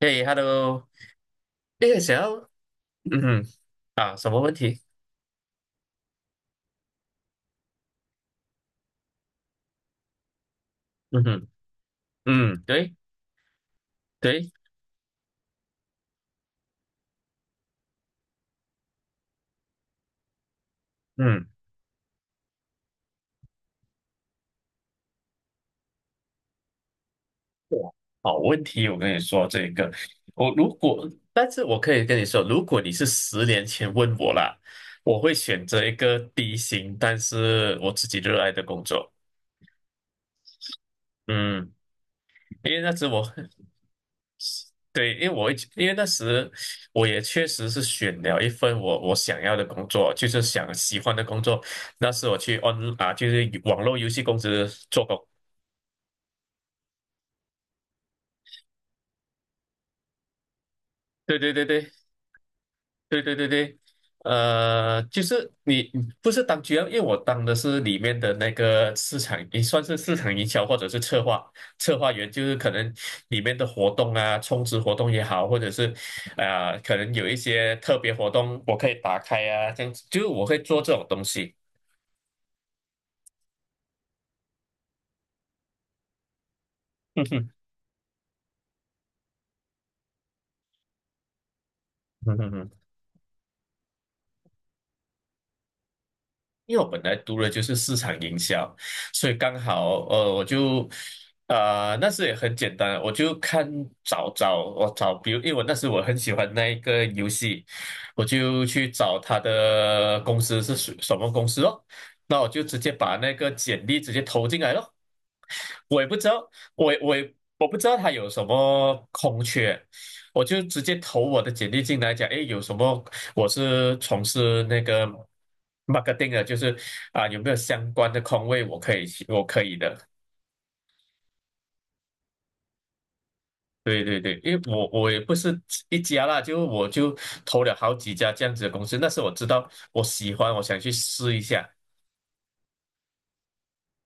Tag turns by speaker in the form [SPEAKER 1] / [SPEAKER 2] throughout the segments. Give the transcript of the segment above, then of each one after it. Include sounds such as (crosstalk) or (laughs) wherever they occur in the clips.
[SPEAKER 1] 嘿，hello，诶，想要，嗯哼，啊，什么问题？嗯哼，嗯，对对，嗯，好问题，我跟你说这个，我如果，但是我可以跟你说，如果你是十年前问我啦，我会选择一个低薪，但是我自己热爱的工作。嗯，因为那时我，(laughs) 对，因为那时我也确实是选了一份我想要的工作，就是想喜欢的工作，那时我去 on 啊，就是网络游戏公司做工。对对对对对对对对，就是你不是当 GM，因为我当的是里面的那个市场，也算是市场营销或者是策划策划员，就是可能里面的活动啊，充值活动也好，或者是啊、可能有一些特别活动我可以打开啊，这样子，就是我会做这种东西。(laughs) 嗯哼，嗯哼。因为我本来读的就是市场营销，所以刚好我就那时也很简单，我就看找找我找，比如因为我那时我很喜欢那一个游戏，我就去找他的公司是属什么公司咯，那我就直接把那个简历直接投进来咯。我也不知道，我不知道他有什么空缺，我就直接投我的简历进来讲，哎，有什么？我是从事那个 marketing 的，就是啊，有没有相关的空位我可以去，我可以的。对对对，因为我也不是一家啦，就我就投了好几家这样子的公司，但是我知道我喜欢，我想去试一下。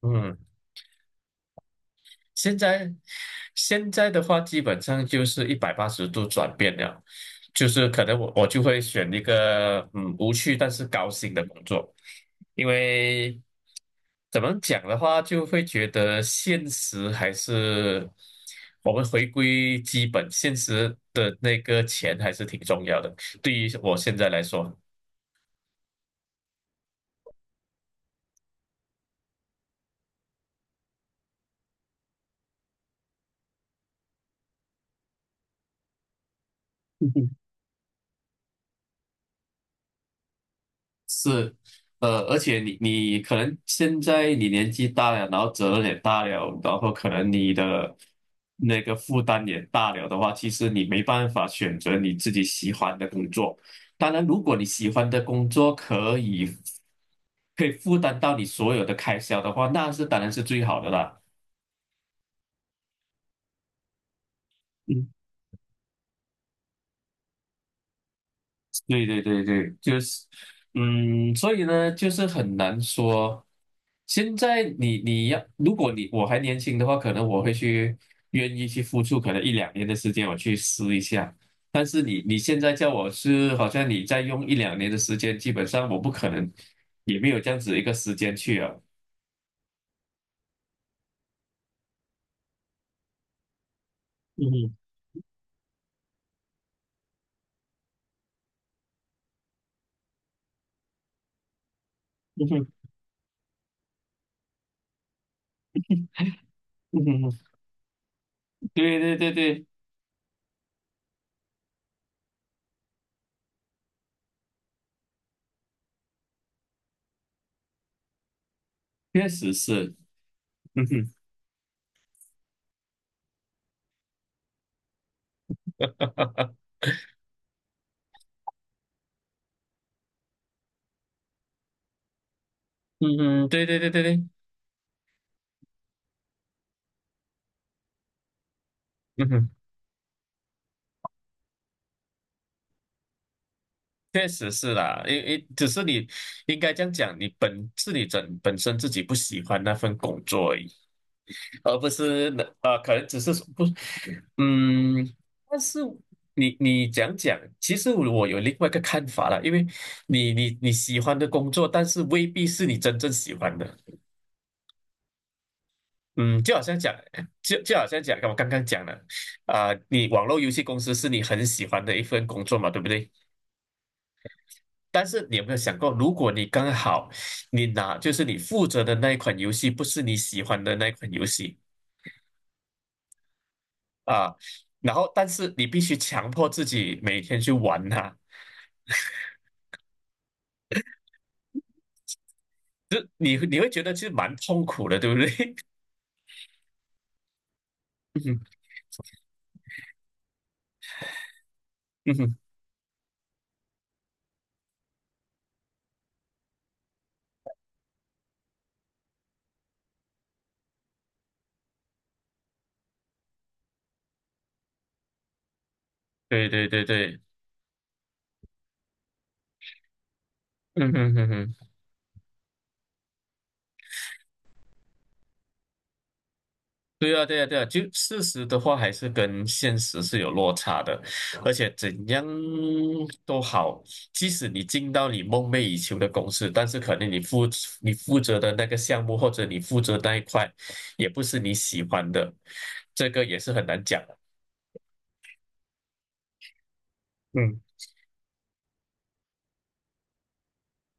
[SPEAKER 1] 嗯，现在现在的话，基本上就是一百八十度转变了，就是可能我就会选一个无趣但是高薪的工作。因为怎么讲的话，就会觉得现实还是我们回归基本，现实的那个钱还是挺重要的。对于我现在来说，是，而且你可能现在你年纪大了，然后责任也大了，然后可能你的那个负担也大了的话，其实你没办法选择你自己喜欢的工作。当然，如果你喜欢的工作可以。可以负担到你所有的开销的话，那是当然是最好的啦。嗯对对对对，就是，嗯，所以呢，就是很难说。现在你你要，如果你我还年轻的话，可能我会去愿意去付出，可能一两年的时间我去试一下。但是你你现在叫我是，好像你再用一两年的时间，基本上我不可能，也没有这样子一个时间去啊。嗯哼嗯哼嗯哼。对对对对，确实是，嗯哼。(laughs) 嗯哼，对对对对对，嗯哼，确实是啦，因只是你应该这样讲，你整本身自己不喜欢那份工作而已，而不是那可能只是说不，嗯，但是你讲讲，其实我有另外一个看法啦，因为你喜欢的工作，但是未必是你真正喜欢的。嗯，就好像讲，就好像讲，我刚刚讲了，啊、你网络游戏公司是你很喜欢的一份工作嘛，对不对？但是你有没有想过，如果你刚好你拿就是你负责的那一款游戏不是你喜欢的那一款游戏啊，然后但是你必须强迫自己每天去玩它，你会觉得其实蛮痛苦的，对不对？(laughs) 嗯哼嗯哼，对对对对，嗯哼嗯哼嗯哼。对啊，对啊，对啊，就事实的话还是跟现实是有落差的，而且怎样都好，即使你进到你梦寐以求的公司，但是可能你负责的那个项目或者你负责那一块，也不是你喜欢的，这个也是很难讲的。嗯，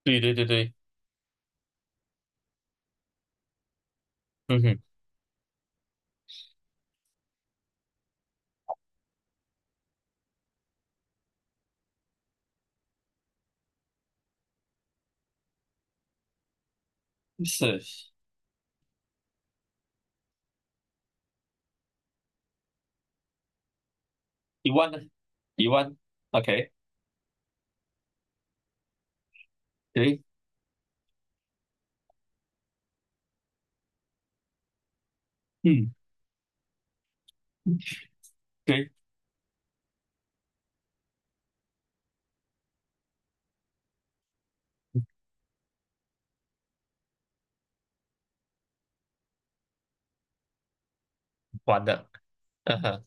[SPEAKER 1] 对对对对，嗯哼，是一万呢，一万，OK，对，嗯，对，完了，嗯哼，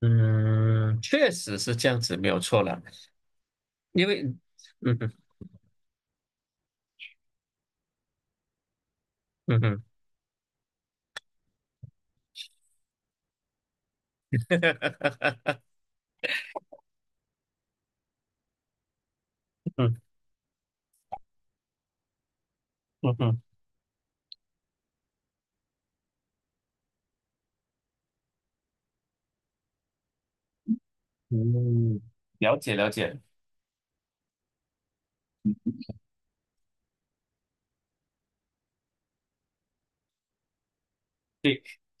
[SPEAKER 1] 嗯，确实是这样子，没有错了。因为，嗯哼，嗯哼，(laughs) 嗯嗯哼，(laughs) 嗯，了解了解，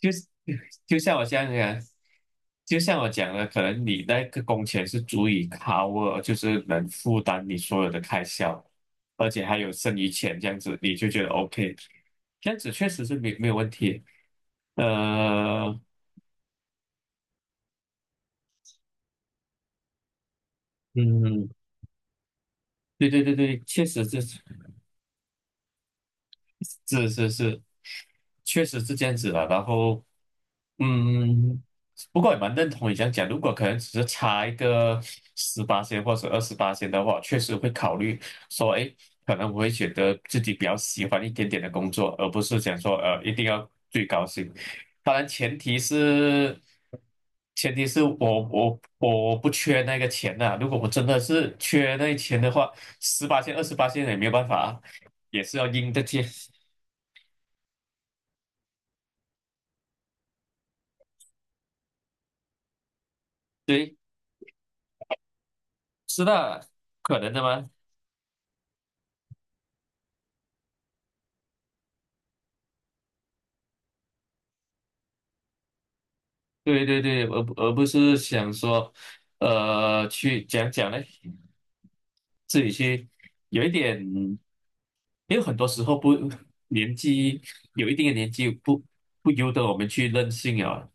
[SPEAKER 1] 就是 (laughs) 就像我这样讲，就像我讲的，可能你那个工钱是足以 cover，就是能负担你所有的开销，而且还有剩余钱这样子，你就觉得 OK，这样子确实是没有问题。呃，嗯，对对对对，确实是是是是，确实是这样子的。然后，嗯，不过也蛮认同你这样讲。如果可能只是差一个十八线或者二十八线的话，确实会考虑说，哎，可能我会选择自己比较喜欢一点点的工作，而不是讲说，一定要最高薪。当然，前提是，前提是我不缺那个钱呐、如果我真的是缺那个钱的话，十八线、二十八线也没有办法啊，也是要应着贴。对，是的，可能的吗？对对对，而不是想说，去讲讲呢，自己去有一点，因为很多时候不年纪有一定的年纪不由得我们去任性啊。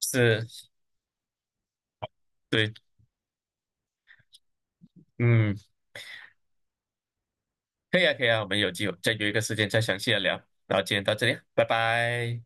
[SPEAKER 1] 是，对，嗯，可以啊，可以啊，我们有机会再约一个时间再详细的聊。然后今天到这里啊，拜拜。